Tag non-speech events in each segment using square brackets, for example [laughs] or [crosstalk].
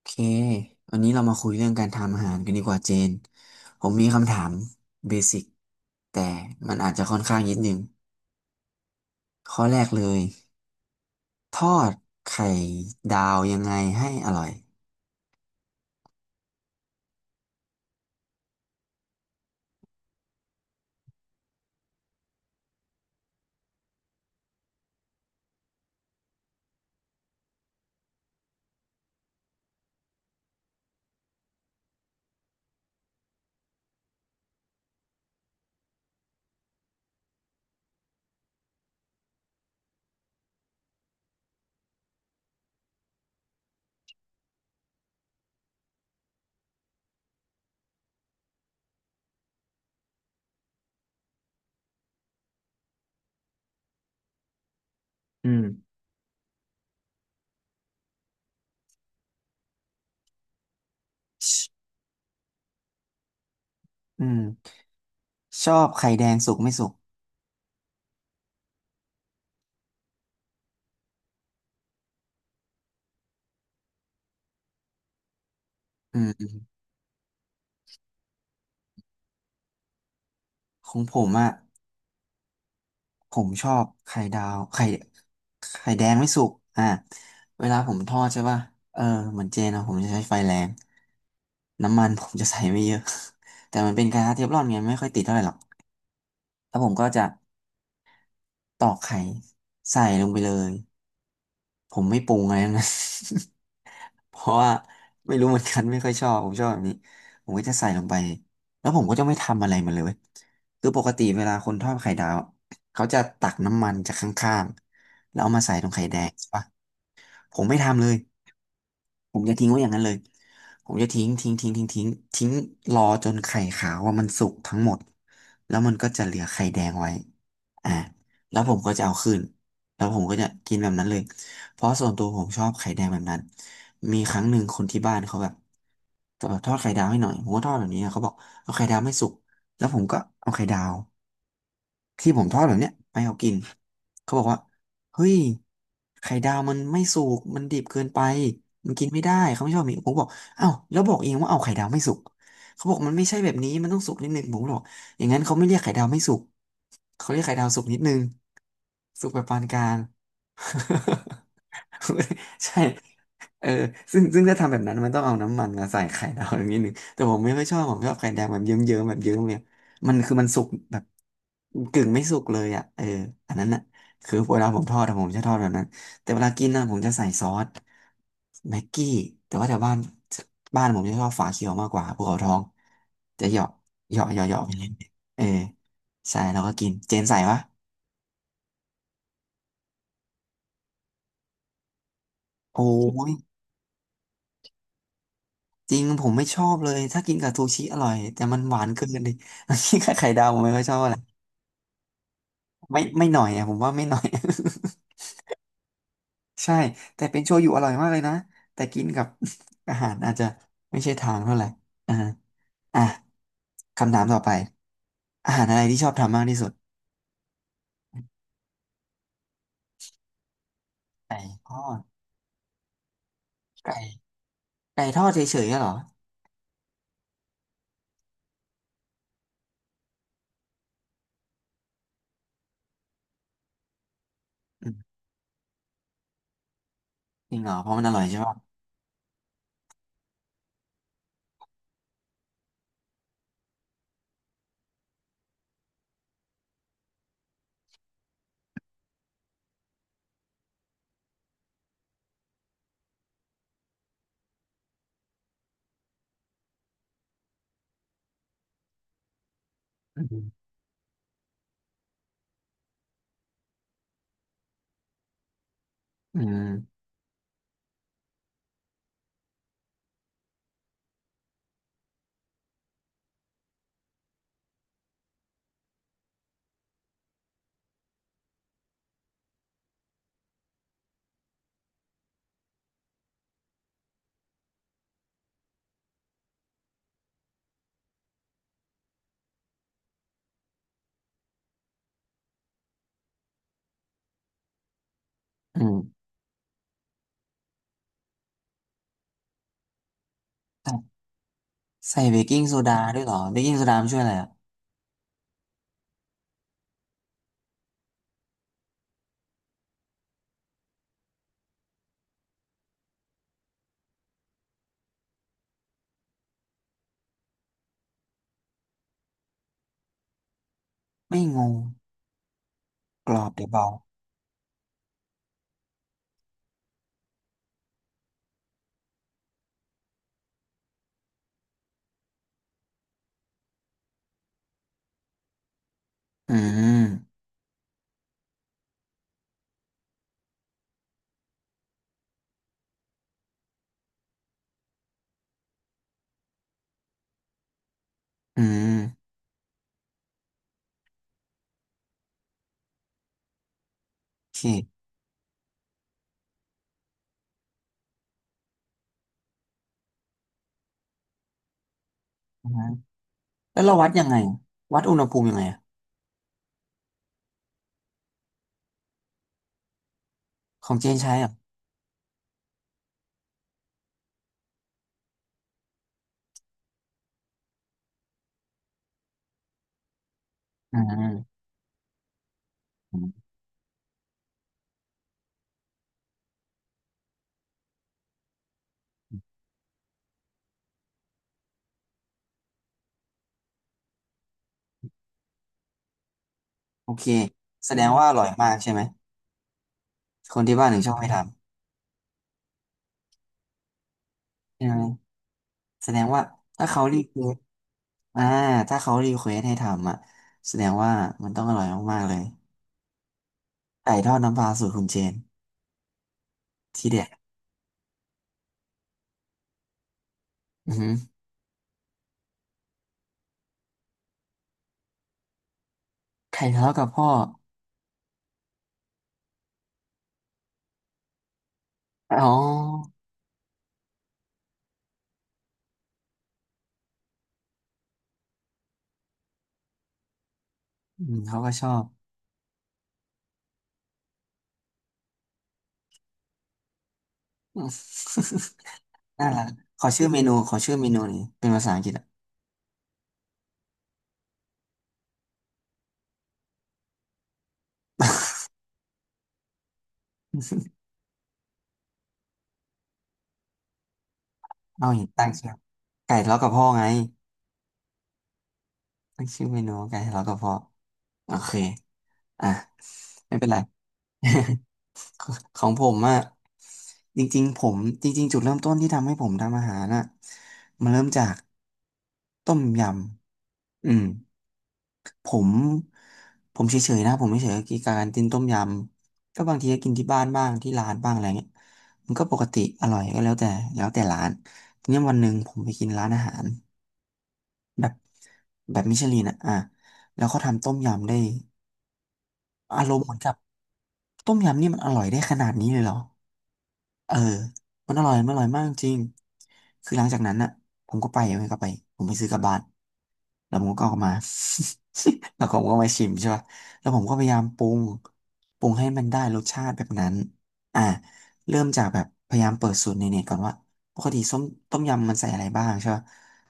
โอเควันนี้เรามาคุยเรื่องการทำอาหารกันดีกว่าเจน ผมมีคำถามเบสิกแต่มันอาจจะค่อนข้างนิดนึงข้อแรกเลยทอดไข่ดาวยังไงให้อร่อย อืมชอืมชอบไข่แดงสุกไม่สุก อืมของผมอ่ะ ผมชอบไข่ดาวไข่ไข่แดงไม่สุกอ่าเวลาผมทอดใช่ป่ะเออเหมือนเจนอะผมจะใช้ไฟแรงน้ำมันผมจะใส่ไม่เยอะ [laughs] แต่มันเป็นกระทะเทฟลอนไงไม่ค่อยติดเท่าไหร่หรอกแล้วผมก็จะตอกไข่ใส่ลงไปเลย ผมไม่ปรุงอะไรทั้งนั้น [laughs] เพราะว่าไม่รู้เหมือนกันไม่ค่อยชอบผมชอบแบบนี้ผมก็จะใส่ลงไปแล้วผมก็จะไม่ทำอะไรมันเลยเว้ยคือปกติเวลาคนทอดไข่ดาวเขาจะตักน้ำมันจากข้างๆแล้วเอามาใส่ตรงไข่แดงใช่ปะ ผมไม่ทำเลยผมจะทิ้งไว้อย่างนั้นเลยผมจะทิ้งรอจนไข่ขาวว่ามันสุกทั้งหมด แล้วมันก็จะเหลือไข่แดงไว้อ่าแล้วผมก็จะเอาคืนแล้วผมก็จะกินแบบนั้นเลย เพราะส่วนตัวผมชอบไข่แดงแบบนั้นมีครั้งหนึ่งคนที่บ้านเขาแบบจะแบบทอดไข่ดาวให้หน่อยผมก็ทอดแบบนี้นะเขาบอกเอาไข่ดาวไม่สุกแล้วผมก็เอาไข่ดาว ที่ผมทอดแบบเนี้ยไปเอากินเขาบอกว่าเฮ้ยไข่ดาวมันไม่สุกมันดิบเกินไปมันกินไม่ได้เขาไม่ชอบมีผมบอกอ้าวแล้วบอกเองว่าเอาไข่ดาวไม่สุกเขาบอกมันไม่ใช่แบบนี้มันต้องสุกนิดนึงผมบอกอย่างนั้นเขาไม่เรียกไข่ดาวไม่สุกเขาเรียกไข่ดาวสุกนิดนึงสุกแบบปานกลาง [laughs] [laughs] ใช่เออซึ่งถ้าทำแบบนั้นมันต้องเอาน้ำมันมาใส่ไข่ดาวอย่างนี้หนึ่งแต่ผมไม่ค่อยชอบผมชอบไข่แดงแบบเยิ้มๆแบบเยิ้มเนี่ยมันคือมันสุกแบบกึ่งไม่สุกเลยอ่ะเอออันนั้นอ่ะคือเวลาผมทอดอะผมจะทอดแบบนั้นแต่เวลากินนะผมจะใส่ซอสแม็กกี้แต่ว่าแถวบ้านบ้านผมจะชอบฝาเขียวมากกว่าภูเขาทองจะเหยาะเหยาะเหยาะเหยาะไปเรื่อยๆเออใช่แล้วก็กิน เจนใส่ปะโอ้ จริงผมไม่ชอบเลยถ้ากินกับซูชิอร่อยแต่มันหวานเกินดิ [laughs] กินกับไข่ดาวผมไม่ค่อยชอบอะไรไม่หน่อยอ่ะผมว่าไม่หน่อย [laughs] ใช่แต่เป็นโชยุอร่อยมากเลยนะแต่กินกับ [laughs] อาหารอาจจะไม่ใช่ทางเท่าไหร่อ่าอ่ะคำถามต่อไปอาหารอะไรที่ชอบทำมากที่สุดไก่ทอดไก่ไก่ทอดเฉยๆอะเหรออืมจริงเหรอเพราะมันอร่อยใช่ป่ะอืมอืมอืมใส่เบกกิ้งโซดาด้วยเหรอเบกกิ้งโซดามันช่วยอะไรอ่ะไม่งงกรอบแย่เบา อืมอืมโอเคอ่าแล้วเราวัดยังไงวัดอุณหภูมิยังไงอะของเจนใช้เหรอ่ะอืมอืมโอเคแสดงว่าอร่อยมากใช่ไหมคนที่บ้านถึงชอบให้ทำใช่ไหมแสดงว่าถ้าเขารีเควสอ่าถ้าเขารีเควสให้ทำอ่ะแสดงว่ามันต้องอร่อยมากๆเลยไก่ทอดน้ำปลาสูตรคุณเจนที่เด็ดอือหือไข่ทะเลาะกับพ่ออ๋ออืมเขาก็ชอบ [laughs] น่ารักขอชื่อเมนูหนี่อยเป็นภาษาอังกฤษ เอาอย่างตั้งชื่อไก่ทะเลาะกับพ่อไงตั้งชื่อเมนูว่าไก่ทะเลาะกับพ่อโอเคอ่ะไม่เป็นไร [laughs] ของผมอะจริงๆจุดเริ่มต้นที่ทำให้ผมทำอาหารน่ะมันเริ่มจากต้มยำอืมผมผมเฉยๆนะผมเฉยๆกับการกินต้มยำก็บางทีก็กินที่บ้านบ้างที่ร้านบ้างอะไรเงี้ยมันก็ปกติอร่อยก็แล้วแต่แล้วแต่ร้านทีนี้วันหนึ่งผมไปกินร้านอาหาร แบบแบบมิชลินอ่ะแล้วเขาทำต้มยำได้อารมณ์เหมือนกับต้มยำนี่มันอร่อยได้ขนาดนี้เลยเหรอ เออมันอร่อยมากจริง คือหลังจากนั้นน่ะผมก็ไปผมไปซื้อกลับบ้านแล้วผมก็เอามา [laughs] แล้วผมก็มาชิมใช่ป่ะแล้วผมก็พยายามปรุงปรุงให้มันได้รสชาติแบบนั้นอ่าเริ่มจากแบบพยายามเปิดสูตรในเน็ตก่อนว่าปกติต้มยำมันใส่อะไรบ้างใช่ป่ะ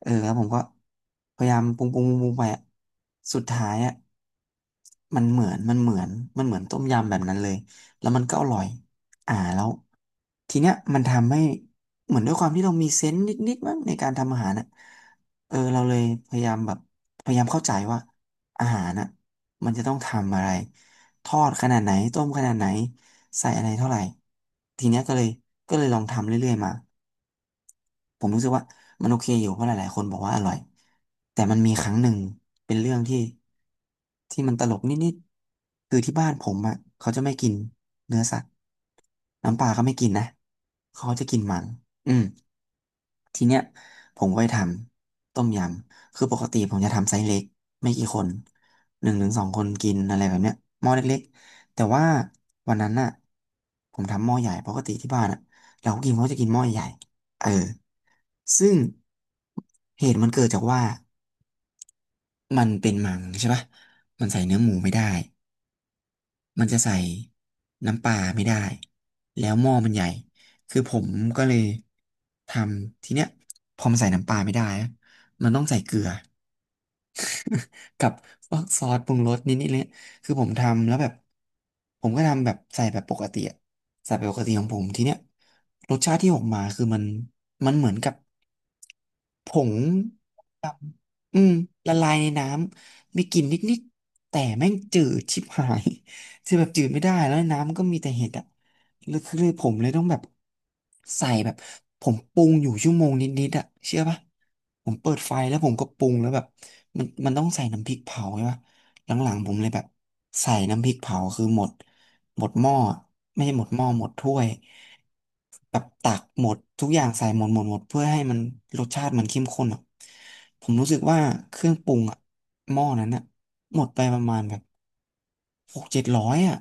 เออแล้วผมก็พยายามปรุงไปอะสุดท้ายอ่ะมันเหมือนมันเหมือนมันเหมือนต้มยำแบบนั้นเลยแล้วมันก็อร่อย แล้วทีเนี้ยมันทำให้เหมือนด้วยความที่เรามีเซนส์นิดๆมั้งในการทำอาหารน่ะเออเราเลยพยายามแบบพยายามเข้าใจว่าอาหารน่ะมันจะต้องทำอะไรทอดขนาดไหนต้มขนาดไหนใส่อะไรเท่าไหร่ทีเนี้ยก็เลยลองทำเรื่อยๆมา ผมรู้สึกว่ามันโอเคอยู่เพราะหลายๆคนบอกว่าอร่อยแต่มันมีครั้งหนึ่งเป็นเรื่องที่ที่มันตลกนิดๆคือที่บ้านผมอ่ะเขาจะไม่กินเนื้อสัตว์น้ำปลาเขาไม่กินนะเขาจะกินมันอืม ทีเนี้ยผมก็ไปทำต้มยำคือปกติผมจะทำไซส์เล็กไม่กี่คนหนึ่งถึงสองคนกินอะไรแบบเนี้ยหม้อเล็กๆแต่ว่าวันนั้นน่ะผมทำหม้อใหญ่ปกติที่บ้านอ่ะเราก็กินเขาจะกินหม้อใหญ่เออซึ่งเหตุมันเกิดจากว่ามันเป็นมังใช่ปะมันใส่เนื้อหมูไม่ได้ มันจะใส่น้ำปลาไม่ได้ แล้วหม้อมันใหญ่ คือผมก็เลยทำทีเนี้ยพอมันใส่น้ำปลาไม่ได้นะมันต้องใส่เกลือ กับพวกซอสปรุงรสนิดนิดเลยคือผมทำแล้วแบบผมก็ทำแบบใส่แบบปกติอะใส่แบบปกติของผมทีเนี้ยรสชาติที่ออกมาคือมันเหมือนกับผงดำอืมละลายในน้ำมีกลิ่นนิดนิดแต่แม่งจืดชิบหาย [laughs] คือแบบจืดไม่ได้แล้วน้ำก็มีแต่เห็ดอะ แล้วคือผมเลยต้องแบบใส่แบบผมปรุงอยู่ชั่วโมงนิดๆอะเชื่อปะผมเปิดไฟแล้วผมก็ปรุงแล้วแบบมันต้องใส่น้ำพริกเผาใช่ปะหลังๆผมเลยแบบใส่น้ำพริกเผาคือหมดหมดหม้อไม่ใช่หมดหม้อหมดถ้วยแบบตักหมดทุกอย่างใส่หมดหมดหมดเพื่อให้มันรสชาติมันเข้มข้นอ่ะผมรู้สึกว่าเครื่องปรุงอ่ะหม้อนั้นอ่ะหมดไปประมาณแบบหกเจ็ดร้อยอ่ะ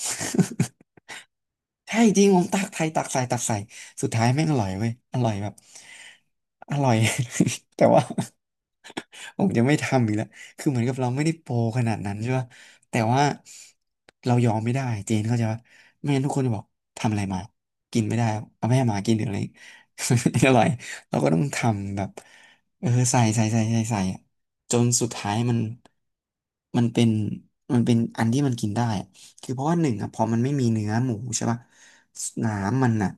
[laughs] ใช่จริงผมตักไทยตักใส่ตักใส่สุดท้ายแม่งอร่อยเว้ยอร่อยแบบอร่อย [laughs] แต่ว่า [laughs] ผมจะไม่ทำอีกแล้วคือเหมือนกับเราไม่ได้โปรขนาดนั้นใช่ป่ะแต่ว่าเรายอมไม่ได้เจนเข้าใจป่ะไม่งั้นทุกคนจะบอกทำอะไรมากินไม่ได้เอาแม่หมากินหรืออะไร [laughs] อร่อยเราก็ต้องทำแบบเออใส่ใส่ใส่ใส่ใส่อะจนสุดท้ายมันมันเป็นมันเป็นอันที่มันกินได้ คือเพราะว่าหนึ่งอ่ะพอมันไม่มีเนื้อหมูใช่ป่ะน้ำมันอะ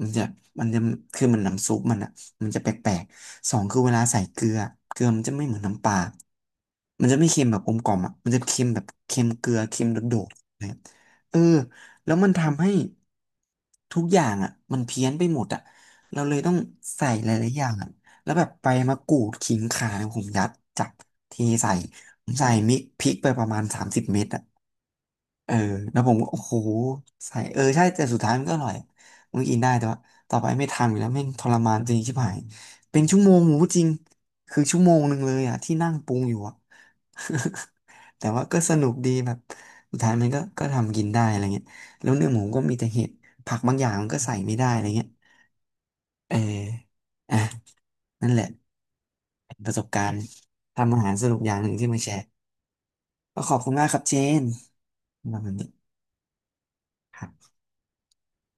มันจะมันจะคือมันน้ำซุปมันอะมันจะแปลกๆสองคือเวลาใส่เกลือเกลือมันจะไม่เหมือนน้ำปลามันจะไม่เค็มแบบกลมกล่อมอะมันจะเค็มแบบเค็มเกลือเค็มโดดๆนะครับเออแล้วมันทำให้ทุกอย่างอ่ะมันเพี้ยนไปหมดอะเราเลยต้องใส่หลายๆอย่างอะแล้วแบบใบมะกรูดขิงข่าเนี่ยผมยัดจับเทใส่ผมใส่มิกพริกไปประมาณ30 เม็ดอะ เออแล้วผมก็โอ้โหใส่เออใช่แต่สุดท้ายมันก็อร่อยมันกินได้แต่ว่าต่อไปไม่ทำอีกแล้วแม่งทรมานจริงชิบหายเป็นชั่วโมงหมูจริงคือชั่วโมงหนึ่งเลยอ่ะที่นั่งปรุงอยู่อ่ะ [laughs] แต่ว่าก็สนุกดีแบบสุดท้ายมันก็ทำกินได้อะไรเงี้ยแล้วเนื้อหมูก็มีแต่เห็ดผักบางอย่างมันก็ใส่ไม่ได้อะไรเงี้ยเอออ่ะนั่นแหละเป็นประสบการณ์ทำอาหารสนุกอย่างหนึ่งที่มาแชร์ก็ขอบคุณมากครับเจนสำหรับวันนี้ครับ